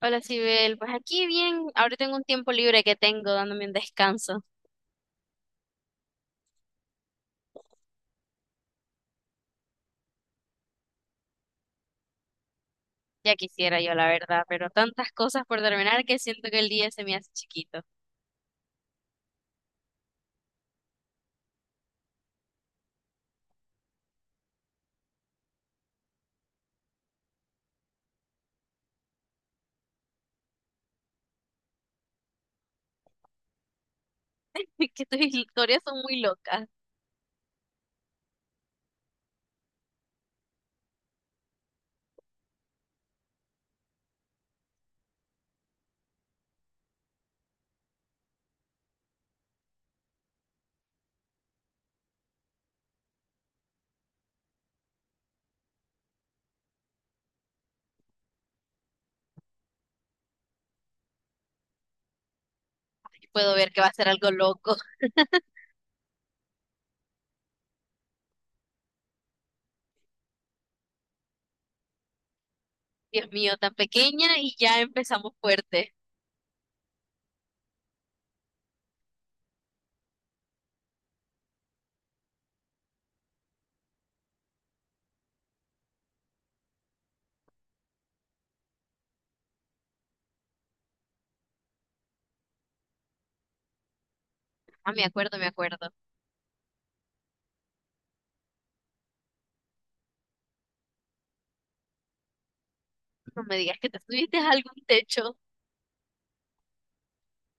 Hola, Sibel. Pues aquí bien, ahora tengo un tiempo libre que tengo dándome un descanso. Ya quisiera yo, la verdad, pero tantas cosas por terminar que siento que el día se me hace chiquito. Que tus historias son muy locas. Ay, puedo ver que va a ser algo loco. Dios mío, tan pequeña y ya empezamos fuerte. Ah, me acuerdo, me acuerdo. No me digas que te subiste a algún techo.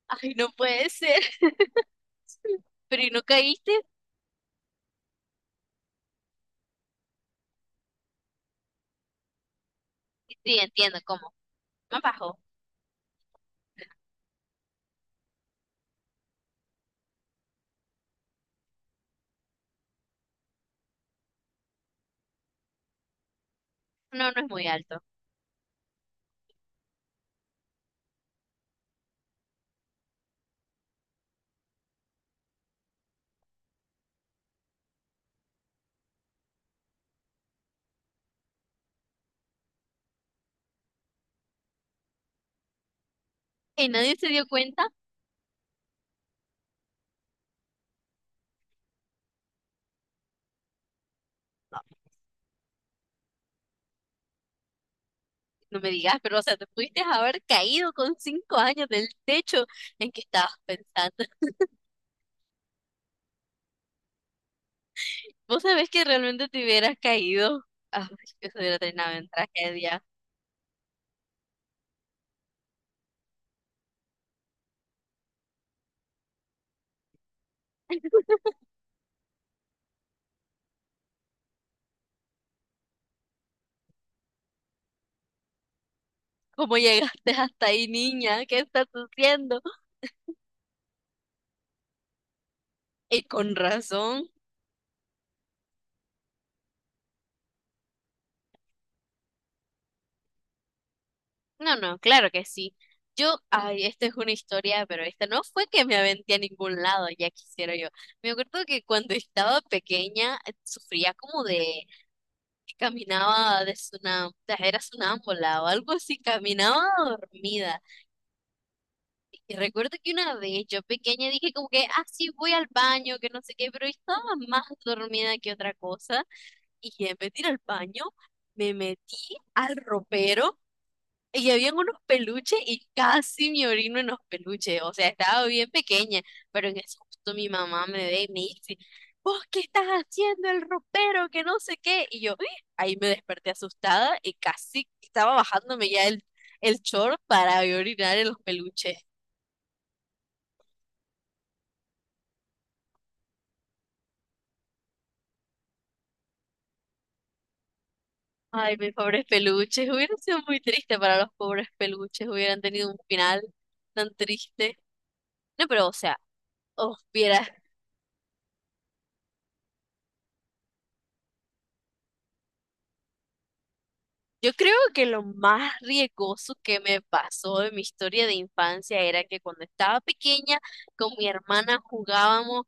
Ay, no puede ser. Pero ¿y no caíste? Sí, entiendo cómo. Más bajo. No, no es muy alto. ¿Y nadie se dio cuenta? No me digas, pero o sea, te pudiste haber caído con 5 años del techo en que estabas pensando. Vos sabés que realmente te hubieras caído. Ay, que se hubiera terminado en tragedia. ¿Cómo llegaste hasta ahí, niña? ¿Qué estás haciendo? Y con razón. No, no, claro que sí. Yo, ay, esta es una historia, pero esta no fue que me aventé a ningún lado, ya quisiera yo. Me acuerdo que cuando estaba pequeña sufría como de que caminaba de sunam, era sonámbula o algo así, caminaba dormida. Y recuerdo que una vez yo pequeña dije como que, ah, sí, voy al baño, que no sé qué, pero estaba más dormida que otra cosa. Y en vez de ir al baño, me metí al ropero y habían unos peluches y casi me orino en los peluches. O sea, estaba bien pequeña, pero en eso justo mi mamá me ve y me dice, ¿vos qué estás haciendo el ropero? Que no sé qué. Y yo, "Uy". Ahí me desperté asustada y casi estaba bajándome ya el short para ir a orinar en los peluches. Ay, mis pobres peluches. Hubiera sido muy triste para los pobres peluches. Hubieran tenido un final tan triste. No, pero o sea, os hubiera. Yo creo que lo más riesgoso que me pasó en mi historia de infancia era que cuando estaba pequeña con mi hermana jugábamos,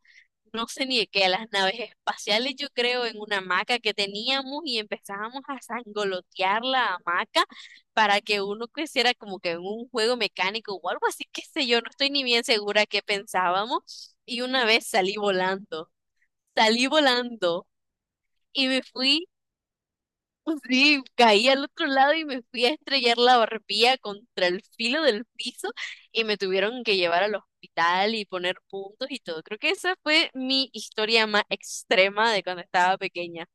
no sé ni de qué, a las naves espaciales, yo creo, en una hamaca que teníamos y empezábamos a sangolotear la hamaca para que uno creciera como que en un juego mecánico o algo así, qué sé yo, no estoy ni bien segura qué pensábamos. Y una vez salí volando y me fui. Sí, caí al otro lado y me fui a estrellar la barbilla contra el filo del piso y me tuvieron que llevar al hospital y poner puntos y todo. Creo que esa fue mi historia más extrema de cuando estaba pequeña.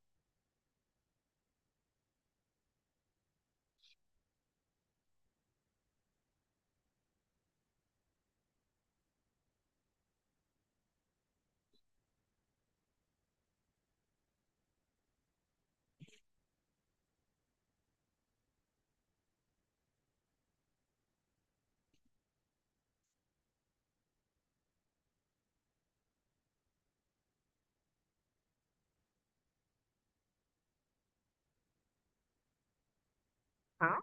Ah,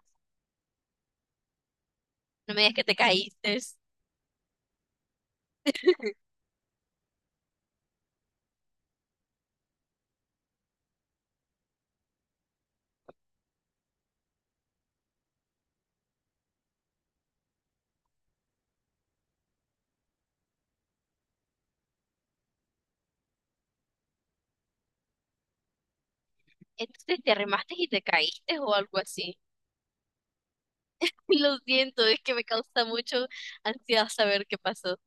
no me digas que te caíste. Entonces te arrimaste y te caíste o algo así. Lo siento, es que me causa mucho ansiedad saber qué pasó.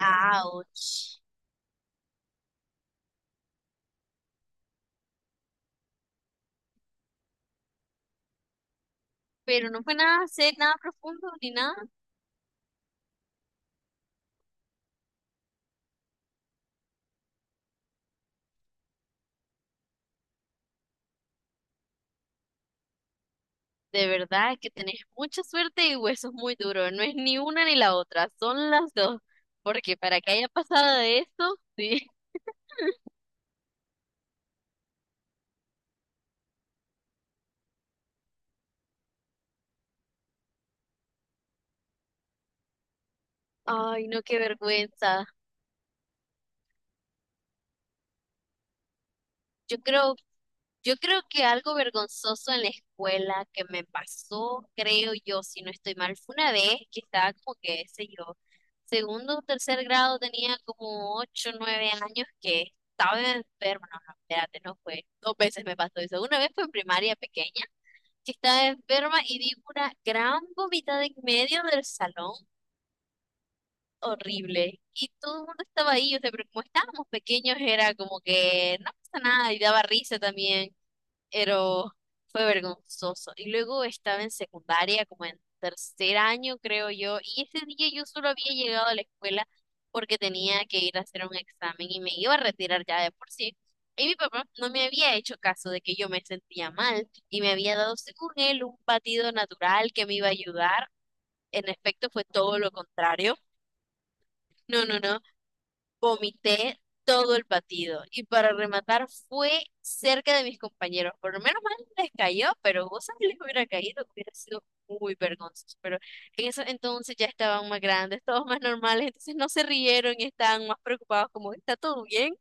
Ouch. Pero no fue nada, nada profundo ni nada. De verdad que tenés mucha suerte y huesos muy duros. No es ni una ni la otra, son las dos. Porque para que haya pasado de eso, sí. Ay, no, qué vergüenza. Yo creo, yo creo que algo vergonzoso en la escuela que me pasó, creo yo, si no estoy mal, fue una vez que estaba como que, sé yo, segundo o tercer grado, tenía como 8, 9 años que estaba enferma. No, no, espérate, no fue. Dos veces me pasó eso. Una vez fue en primaria pequeña, que estaba enferma y di una gran vomitada en medio del salón, horrible. Y todo el mundo estaba ahí, o sea, pero como estábamos pequeños era como que no pasa nada y daba risa también, pero fue vergonzoso. Y luego estaba en secundaria, como en tercer año, creo yo, y ese día yo solo había llegado a la escuela porque tenía que ir a hacer un examen y me iba a retirar ya de por sí. Y mi papá no me había hecho caso de que yo me sentía mal y me había dado, según él, un batido natural que me iba a ayudar. En efecto, fue todo lo contrario. No, no, no. Vomité todo el batido y para rematar fue cerca de mis compañeros. Por lo menos mal les cayó, pero vos sabés que les hubiera caído, hubiera sido muy vergonzoso. Pero en eso entonces ya estaban más grandes, todos más normales, entonces no se rieron y estaban más preocupados como, ¿está todo bien?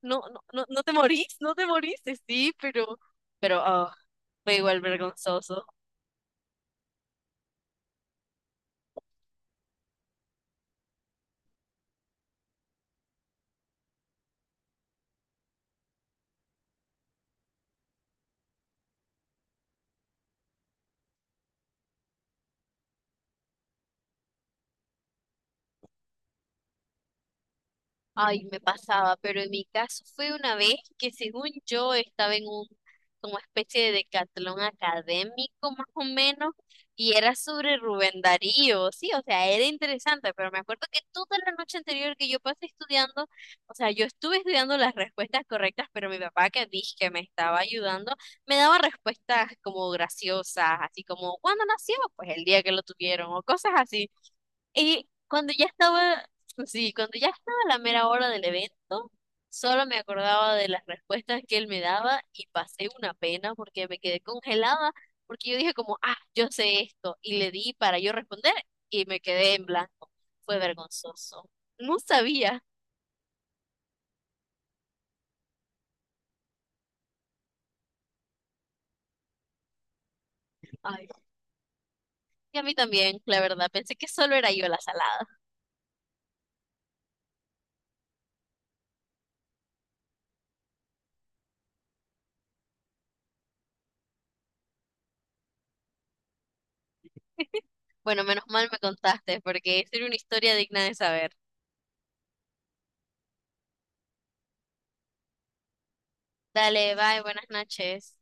No, no, no, no te morís, no te morís, sí, pero fue igual vergonzoso. Ay, me pasaba, pero en mi caso fue una vez que según yo estaba en un como especie de decatlón académico más o menos y era sobre Rubén Darío, sí, o sea, era interesante, pero me acuerdo que toda la noche anterior que yo pasé estudiando, o sea, yo estuve estudiando las respuestas correctas, pero mi papá que dije que me estaba ayudando, me daba respuestas como graciosas, así como ¿cuándo nació? Pues el día que lo tuvieron o cosas así. Y cuando ya estaba, sí, cuando ya estaba la mera hora del evento, solo me acordaba de las respuestas que él me daba y pasé una pena porque me quedé congelada, porque yo dije como, ah, yo sé esto, y le di para yo responder y me quedé en blanco. Fue vergonzoso. No sabía. Ay, y a mí también, la verdad, pensé que solo era yo la salada. Bueno, menos mal me contaste porque sería una historia digna de saber. Dale, bye, buenas noches.